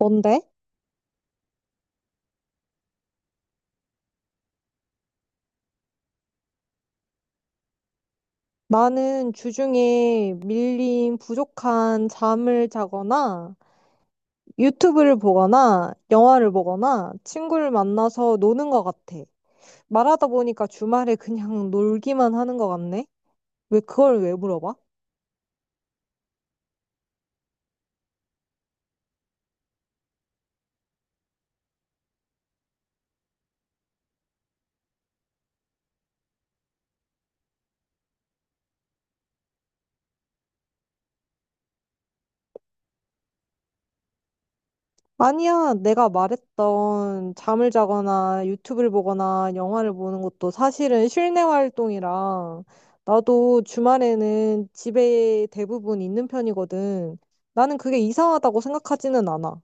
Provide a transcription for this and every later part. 뭔데? 나는 주중에 밀린 부족한 잠을 자거나 유튜브를 보거나 영화를 보거나 친구를 만나서 노는 것 같아. 말하다 보니까 주말에 그냥 놀기만 하는 것 같네? 왜 그걸 왜 물어봐? 아니야, 내가 말했던 잠을 자거나 유튜브를 보거나 영화를 보는 것도 사실은 실내 활동이라 나도 주말에는 집에 대부분 있는 편이거든. 나는 그게 이상하다고 생각하지는 않아.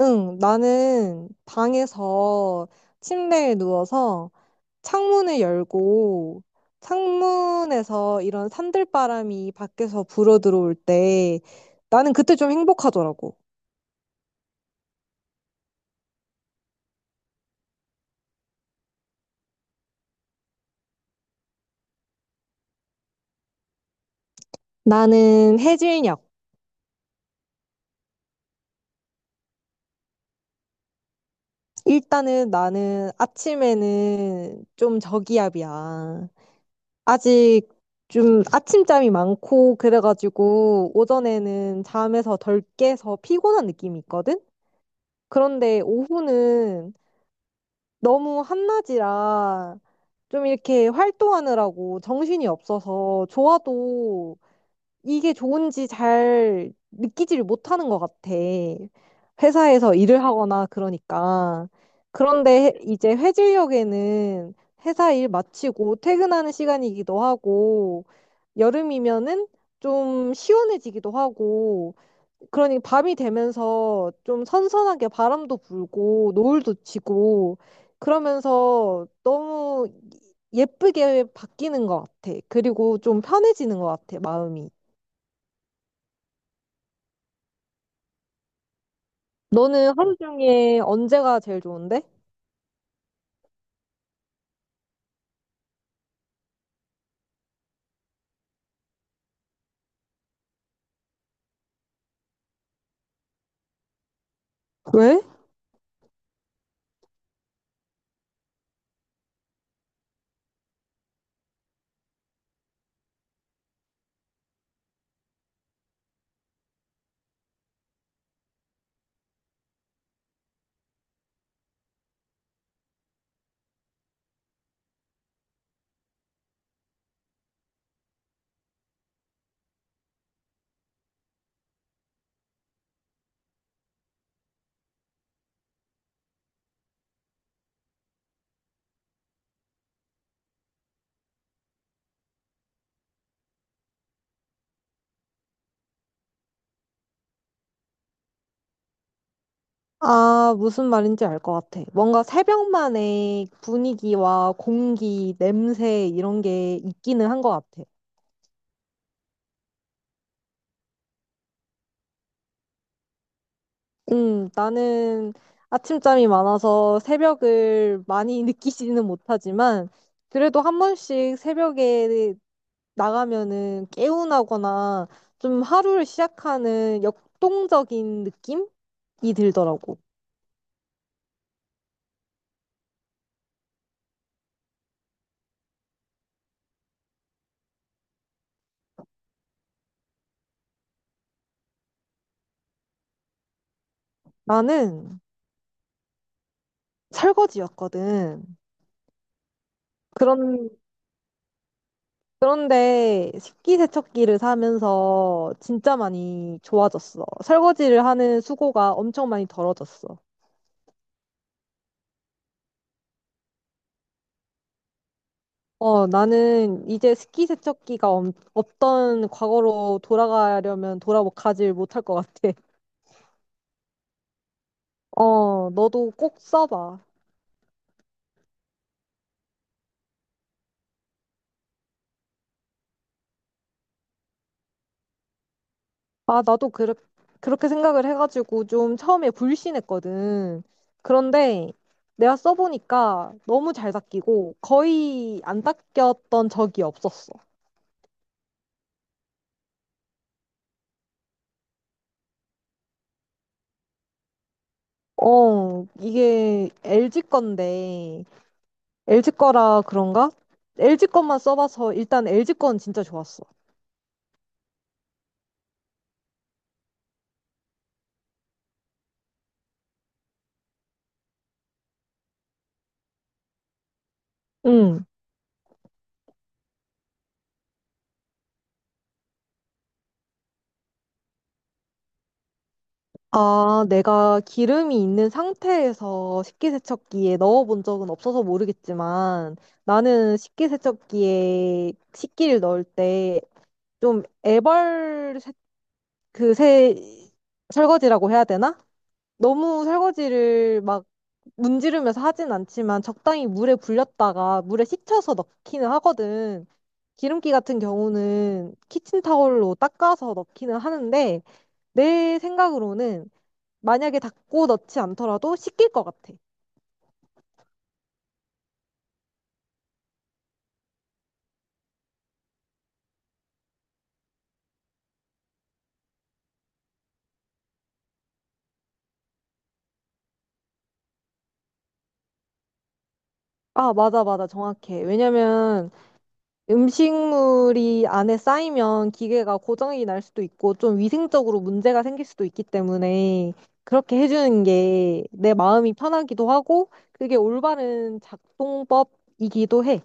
응, 나는 방에서 침대에 누워서 창문을 열고 창문에서 이런 산들바람이 밖에서 불어 들어올 때 나는 그때 좀 행복하더라고. 나는 해질녘. 일단은 나는 아침에는 좀 저기압이야. 아직 좀 아침잠이 많고 그래가지고 오전에는 잠에서 덜 깨서 피곤한 느낌이 있거든? 그런데 오후는 너무 한낮이라 좀 이렇게 활동하느라고 정신이 없어서 좋아도 이게 좋은지 잘 느끼지를 못하는 것 같아. 회사에서 일을 하거나 그러니까. 그런데 이제 회질력에는 회사 일 마치고 퇴근하는 시간이기도 하고, 여름이면은 좀 시원해지기도 하고, 그러니 밤이 되면서 좀 선선하게 바람도 불고, 노을도 지고, 그러면서 너무 예쁘게 바뀌는 것 같아. 그리고 좀 편해지는 것 같아, 마음이. 너는 하루 중에 언제가 제일 좋은데? 왜? 아, 무슨 말인지 알 것 같아. 뭔가 새벽만의 분위기와 공기, 냄새 이런 게 있기는 한 것 같아. 나는 아침잠이 많아서 새벽을 많이 느끼지는 못하지만 그래도 한 번씩 새벽에 나가면은 개운하거나 좀 하루를 시작하는 역동적인 느낌이 들더라고. 나는 설거지였거든. 그런, 그런데 식기세척기를 사면서 진짜 많이 좋아졌어. 설거지를 하는 수고가 엄청 많이 덜어졌어. 어, 나는 이제 없던 과거로 돌아가려면 돌아 가질 못할 것 같아. 어, 너도 꼭 써봐. 아, 그렇게 생각을 해가지고 좀 처음에 불신했거든. 그런데 내가 써보니까 너무 잘 닦이고 거의 안 닦였던 적이 없었어. 어, 이게 LG 건데, LG 거라 그런가? LG 것만 써봐서 일단 LG 건 진짜 좋았어. 응. 아, 내가 기름이 있는 상태에서 식기세척기에 넣어본 적은 없어서 모르겠지만, 나는 식기세척기에 식기를 넣을 때 좀 애벌 세, 그 세, 설거지라고 해야 되나? 너무 설거지를 막 문지르면서 하진 않지만 적당히 물에 불렸다가 물에 식혀서 넣기는 하거든. 기름기 같은 경우는 키친타올로 닦아서 넣기는 하는데 내 생각으로는 만약에 닦고 넣지 않더라도 식힐 것 같아. 아, 맞아, 맞아. 정확해. 왜냐면 음식물이 안에 쌓이면 기계가 고장이 날 수도 있고 좀 위생적으로 문제가 생길 수도 있기 때문에 그렇게 해주는 게 내 마음이 편하기도 하고 그게 올바른 작동법이기도 해.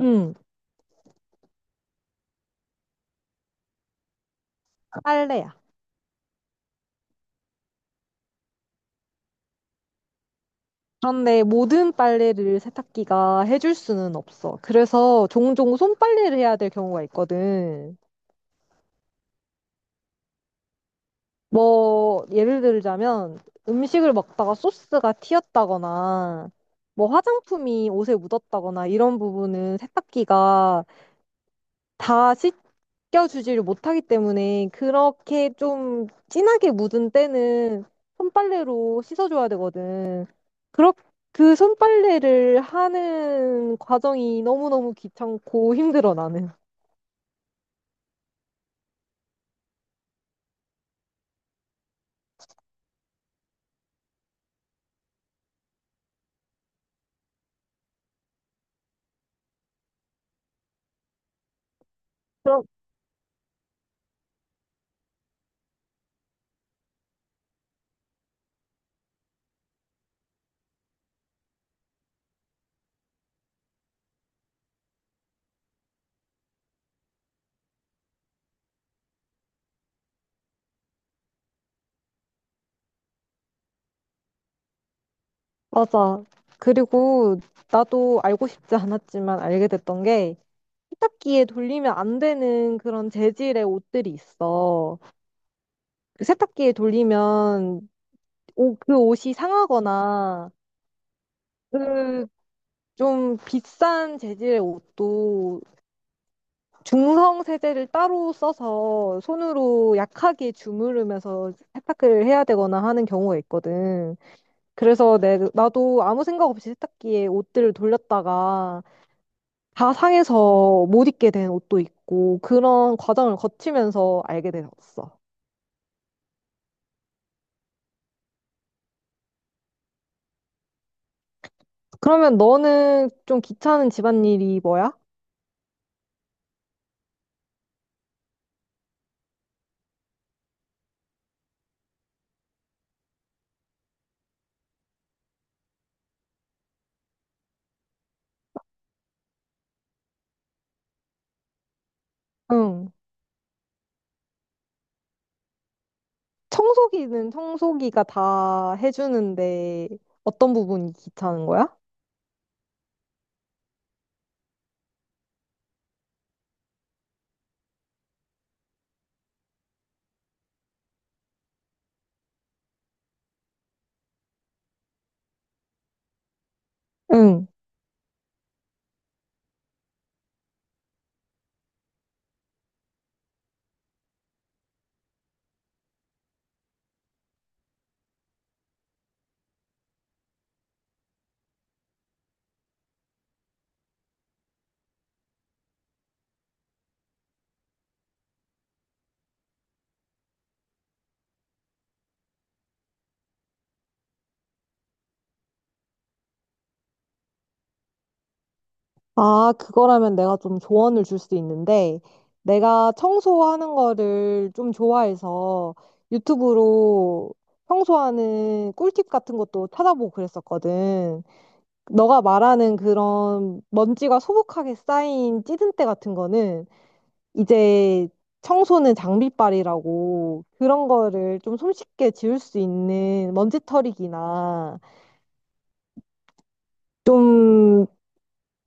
응, 빨래야. 그런데 모든 빨래를 세탁기가 해줄 수는 없어. 그래서 종종 손빨래를 해야 될 경우가 있거든. 뭐, 예를 들자면, 음식을 먹다가 소스가 튀었다거나, 뭐, 화장품이 옷에 묻었다거나, 이런 부분은 세탁기가 다 씻겨주지를 못하기 때문에, 그렇게 좀 진하게 묻은 때는 손빨래로 씻어줘야 되거든. 그렇, 그 손빨래를 하는 과정이 너무너무 귀찮고 힘들어, 나는. 그럼, 맞아. 그리고 나도 알고 싶지 않았지만 알게 됐던 게, 세탁기에 돌리면 안 되는 그런 재질의 옷들이 있어. 그 세탁기에 돌리면 그 옷이 상하거나 그 좀 비싼 재질의 옷도 중성 세제를 따로 써서 손으로 약하게 주무르면서 세탁을 해야 되거나 하는 경우가 있거든. 그래서 나도 아무 생각 없이 세탁기에 옷들을 돌렸다가 다 상해서 못 입게 된 옷도 있고 그런 과정을 거치면서 알게 되었어. 그러면 너는 좀 귀찮은 집안일이 뭐야? 응. 청소기는 청소기가 다 해주는데 어떤 부분이 귀찮은 거야? 응. 아, 그거라면 내가 좀 조언을 줄 수 있는데 내가 청소하는 거를 좀 좋아해서 유튜브로 청소하는 꿀팁 같은 것도 찾아보고 그랬었거든. 너가 말하는 그런 먼지가 소복하게 쌓인 찌든때 같은 거는 이제 청소는 장비빨이라고 그런 거를 좀 손쉽게 지울 수 있는 먼지털이기나 좀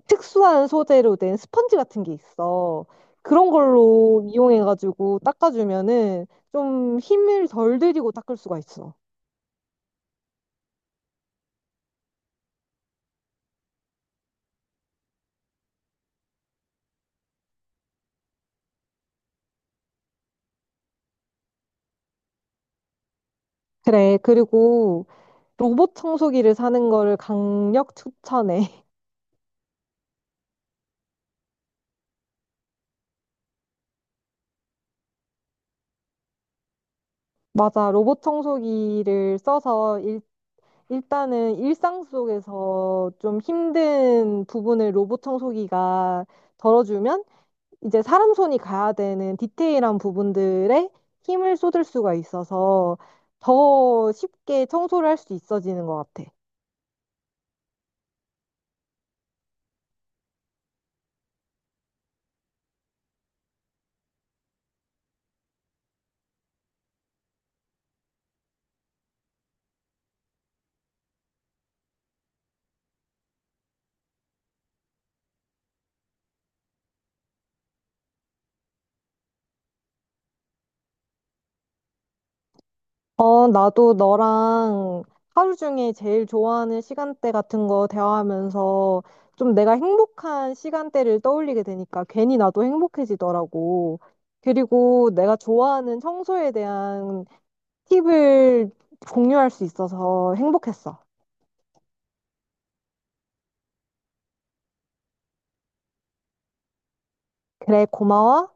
특수한 소재로 된 스펀지 같은 게 있어. 그런 걸로 이용해가지고 닦아주면은 좀 힘을 덜 들이고 닦을 수가 있어. 그래, 그리고 로봇 청소기를 사는 거를 강력 추천해. 맞아, 로봇 청소기를 써서 일단은 일상 속에서 좀 힘든 부분을 로봇 청소기가 덜어주면 이제 사람 손이 가야 되는 디테일한 부분들에 힘을 쏟을 수가 있어서 더 쉽게 청소를 할 수 있어지는 것 같아. 어, 나도 너랑 하루 중에 제일 좋아하는 시간대 같은 거 대화하면서 좀 내가 행복한 시간대를 떠올리게 되니까 괜히 나도 행복해지더라고. 그리고 내가 좋아하는 청소에 대한 팁을 공유할 수 있어서 행복했어. 그래, 고마워.